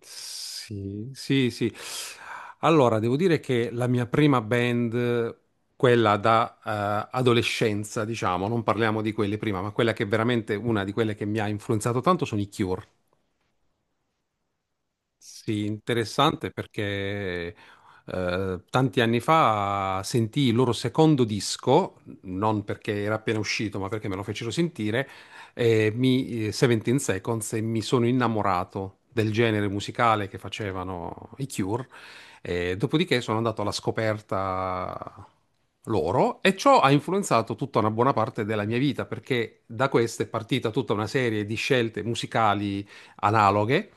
Sì, sì, sì. Allora, devo dire che la mia prima band, quella da adolescenza, diciamo, non parliamo di quelle prima, ma quella che è veramente una di quelle che mi ha influenzato tanto sono i Cure. Sì, interessante perché tanti anni fa sentii il loro secondo disco, non perché era appena uscito, ma perché me lo fecero sentire, e mi, 17 Seconds, e mi sono innamorato del genere musicale che facevano i Cure. E dopodiché sono andato alla scoperta loro, e ciò ha influenzato tutta una buona parte della mia vita perché da questa è partita tutta una serie di scelte musicali analoghe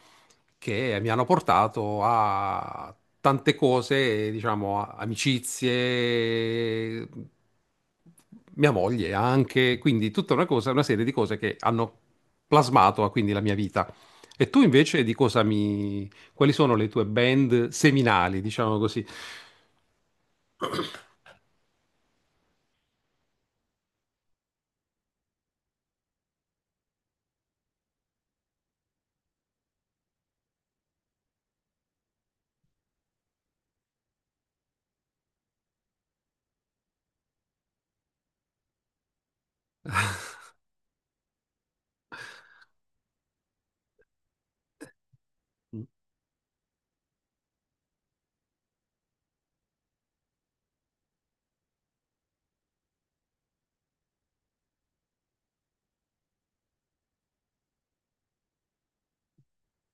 che mi hanno portato a tante cose, diciamo, amicizie, mia moglie anche, quindi tutta una cosa, una serie di cose che hanno plasmato quindi la mia vita. E tu invece di cosa mi... quali sono le tue band seminali, diciamo così?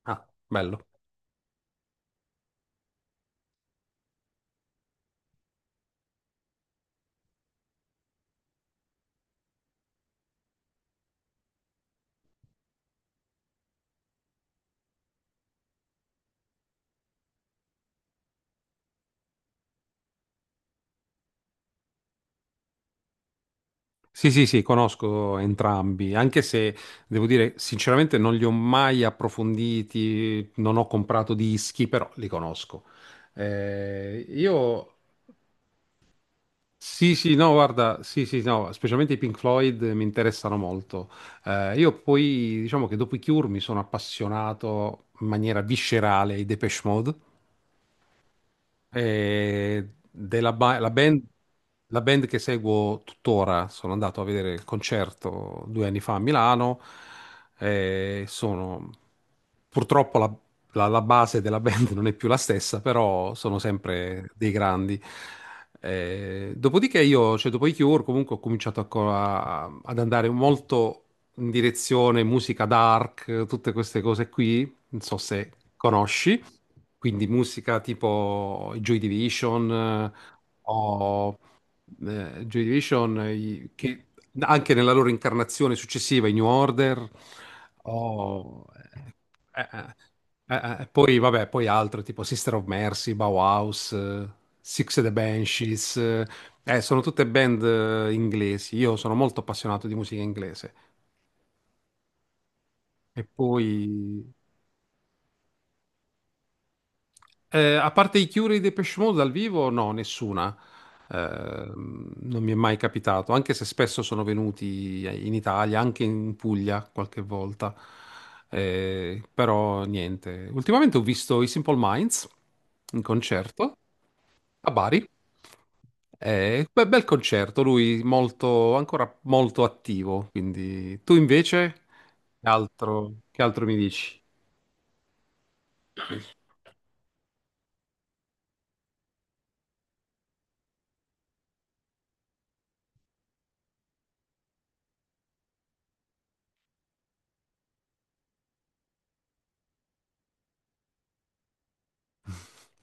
Ah, bello. Sì, sì, sì, conosco entrambi, anche se devo dire sinceramente non li ho mai approfonditi, non ho comprato dischi, però li conosco. Io sì, sì, no, guarda, sì, sì, no, specialmente i Pink Floyd mi interessano molto. Io poi diciamo che dopo i Cure mi sono appassionato in maniera viscerale ai Depeche Mode. La la band che seguo tuttora, sono andato a vedere il concerto 2 anni fa a Milano. Sono purtroppo la base della band non è più la stessa, però sono sempre dei grandi. Dopodiché io, cioè dopo i Cure, comunque ho cominciato ad andare molto in direzione musica dark, tutte queste cose qui, non so se conosci, quindi musica tipo i Joy Division o Joy Division i- che anche nella loro incarnazione successiva, i New Order, o eh, eh, poi vabbè, poi altre tipo Sister of Mercy, Bauhaus, Six and the Banshees, sono tutte band inglesi. Io sono molto appassionato di musica inglese. E poi eh, a parte i Cure e i Depeche Mode dal vivo, no, nessuna. Eh, non mi è mai capitato, anche se spesso sono venuti in Italia, anche in Puglia qualche volta. Però niente. Ultimamente ho visto i Simple Minds in concerto a Bari. Beh, bel concerto, lui molto, ancora molto attivo. Quindi tu invece, che altro mi dici?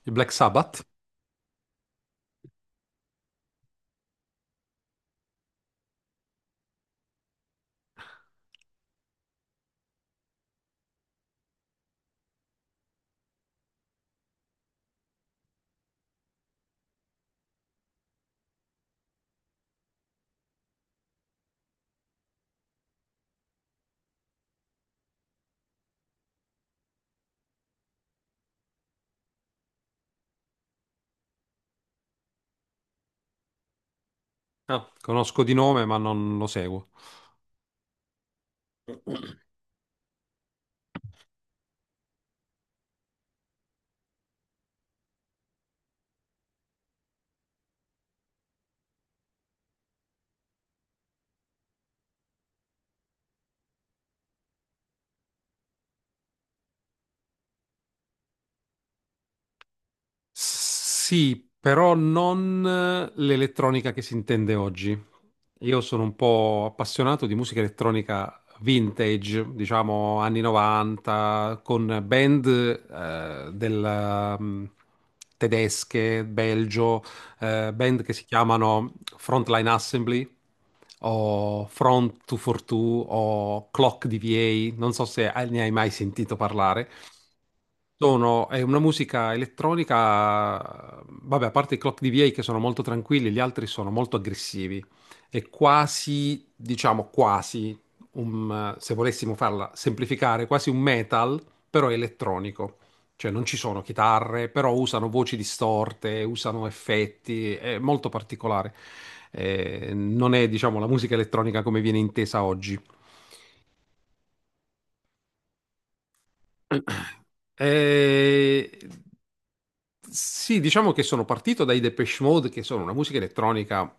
Il Black Sabbath? Ah, conosco di nome, ma non lo seguo. Sì, però non l'elettronica che si intende oggi. Io sono un po' appassionato di musica elettronica vintage, diciamo anni 90, con band tedesche, belgio, band che si chiamano Frontline Assembly o Front 242 o Clock DVA, non so se ne hai mai sentito parlare. Sono, è una musica elettronica, vabbè, a parte i Clock DVA che sono molto tranquilli, gli altri sono molto aggressivi. È quasi, diciamo, quasi, se volessimo farla semplificare, quasi un metal, però è elettronico. Cioè non ci sono chitarre, però usano voci distorte, usano effetti, è molto particolare. Non è, diciamo, la musica elettronica come viene intesa oggi. Eh, sì, diciamo che sono partito dai Depeche Mode, che sono una musica elettronica,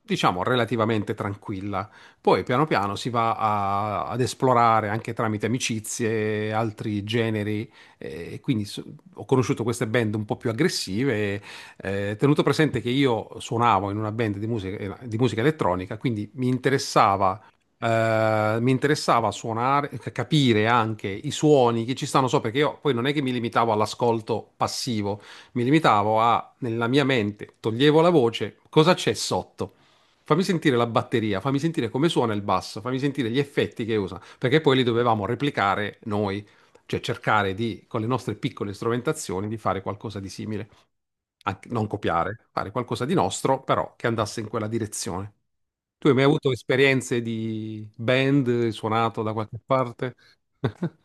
diciamo, relativamente tranquilla. Poi piano piano si va ad esplorare anche tramite amicizie, altri generi. Quindi ho conosciuto queste band un po' più aggressive. Eh, tenuto presente che io suonavo in una band di musica elettronica, quindi mi interessava suonare, capire anche i suoni che ci stanno sopra, perché io poi non è che mi limitavo all'ascolto passivo, mi limitavo a, nella mia mente, toglievo la voce, cosa c'è sotto? Fammi sentire la batteria, fammi sentire come suona il basso, fammi sentire gli effetti che usa, perché poi li dovevamo replicare noi, cioè cercare di, con le nostre piccole strumentazioni, di fare qualcosa di simile. Anche- non copiare, fare qualcosa di nostro, però che andasse in quella direzione. Tu hai mai avuto esperienze di band, hai suonato da qualche parte?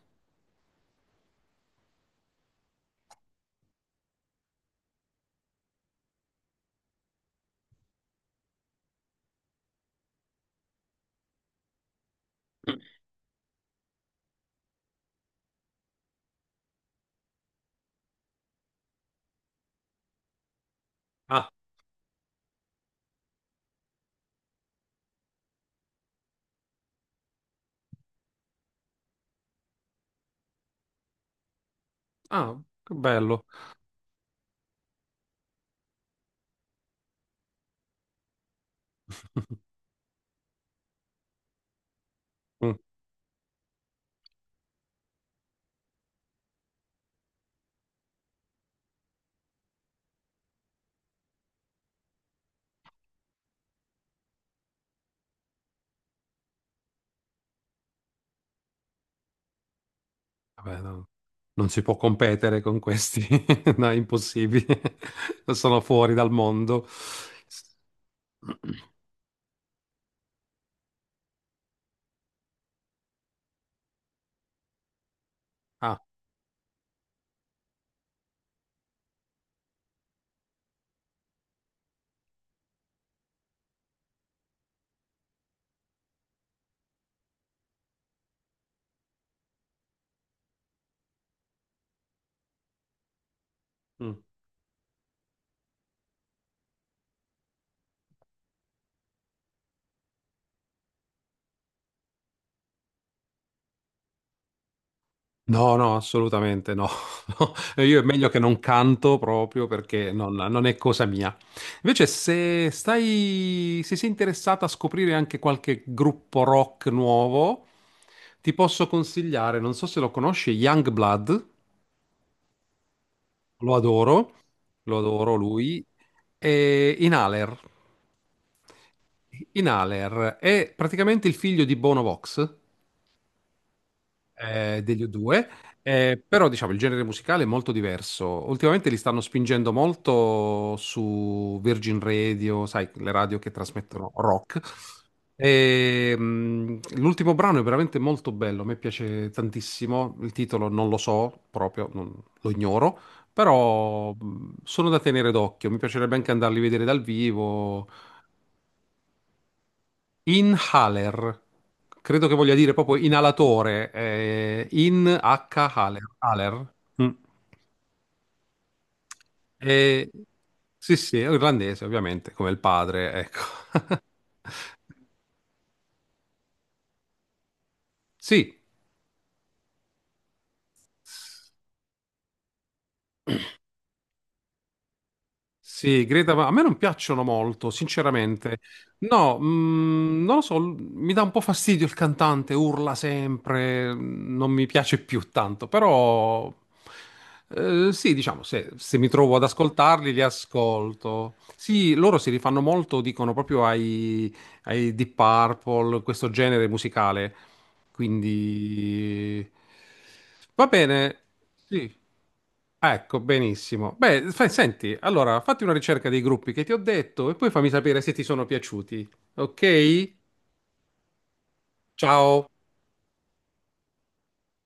Ah, ah, che bello. Mm, vabbè, no, non si può competere con questi, no, è impossibile. Sono fuori dal mondo. Ah, mm. No, no, assolutamente no. No, io è meglio che non canto proprio perché non, non è cosa mia. Invece, se stai, se sei interessata a scoprire anche qualche gruppo rock nuovo, ti posso consigliare, non so se lo conosci, Youngblood, lo adoro, lo adoro lui, e Inhaler. Inhaler è praticamente il figlio di Bono Vox, degli U2, però diciamo il genere musicale è molto diverso. Ultimamente li stanno spingendo molto su Virgin Radio, sai, le radio che trasmettono rock. E, l'ultimo brano è veramente molto bello, a me piace tantissimo. Il titolo non lo so proprio, lo ignoro, però sono da tenere d'occhio. Mi piacerebbe anche andarli a vedere dal vivo. Inhaler, credo che voglia dire proprio inalatore, in H Haler. Haler. Mm. E- sì, sì, è irlandese ovviamente, come il padre, ecco. Sì, sì, Greta, Van- a me non piacciono molto, sinceramente. No, mm, non lo so, l- mi dà un po' fastidio il cantante, urla sempre, non mi piace più tanto, però sì, diciamo, se, se mi trovo ad ascoltarli, li ascolto. Sì, loro si rifanno molto, dicono proprio ai, ai Deep Purple, questo genere musicale. Quindi va bene. Sì. Ah, ecco, benissimo. Beh, senti, allora fatti una ricerca dei gruppi che ti ho detto e poi fammi sapere se ti sono piaciuti. Ok? Ciao.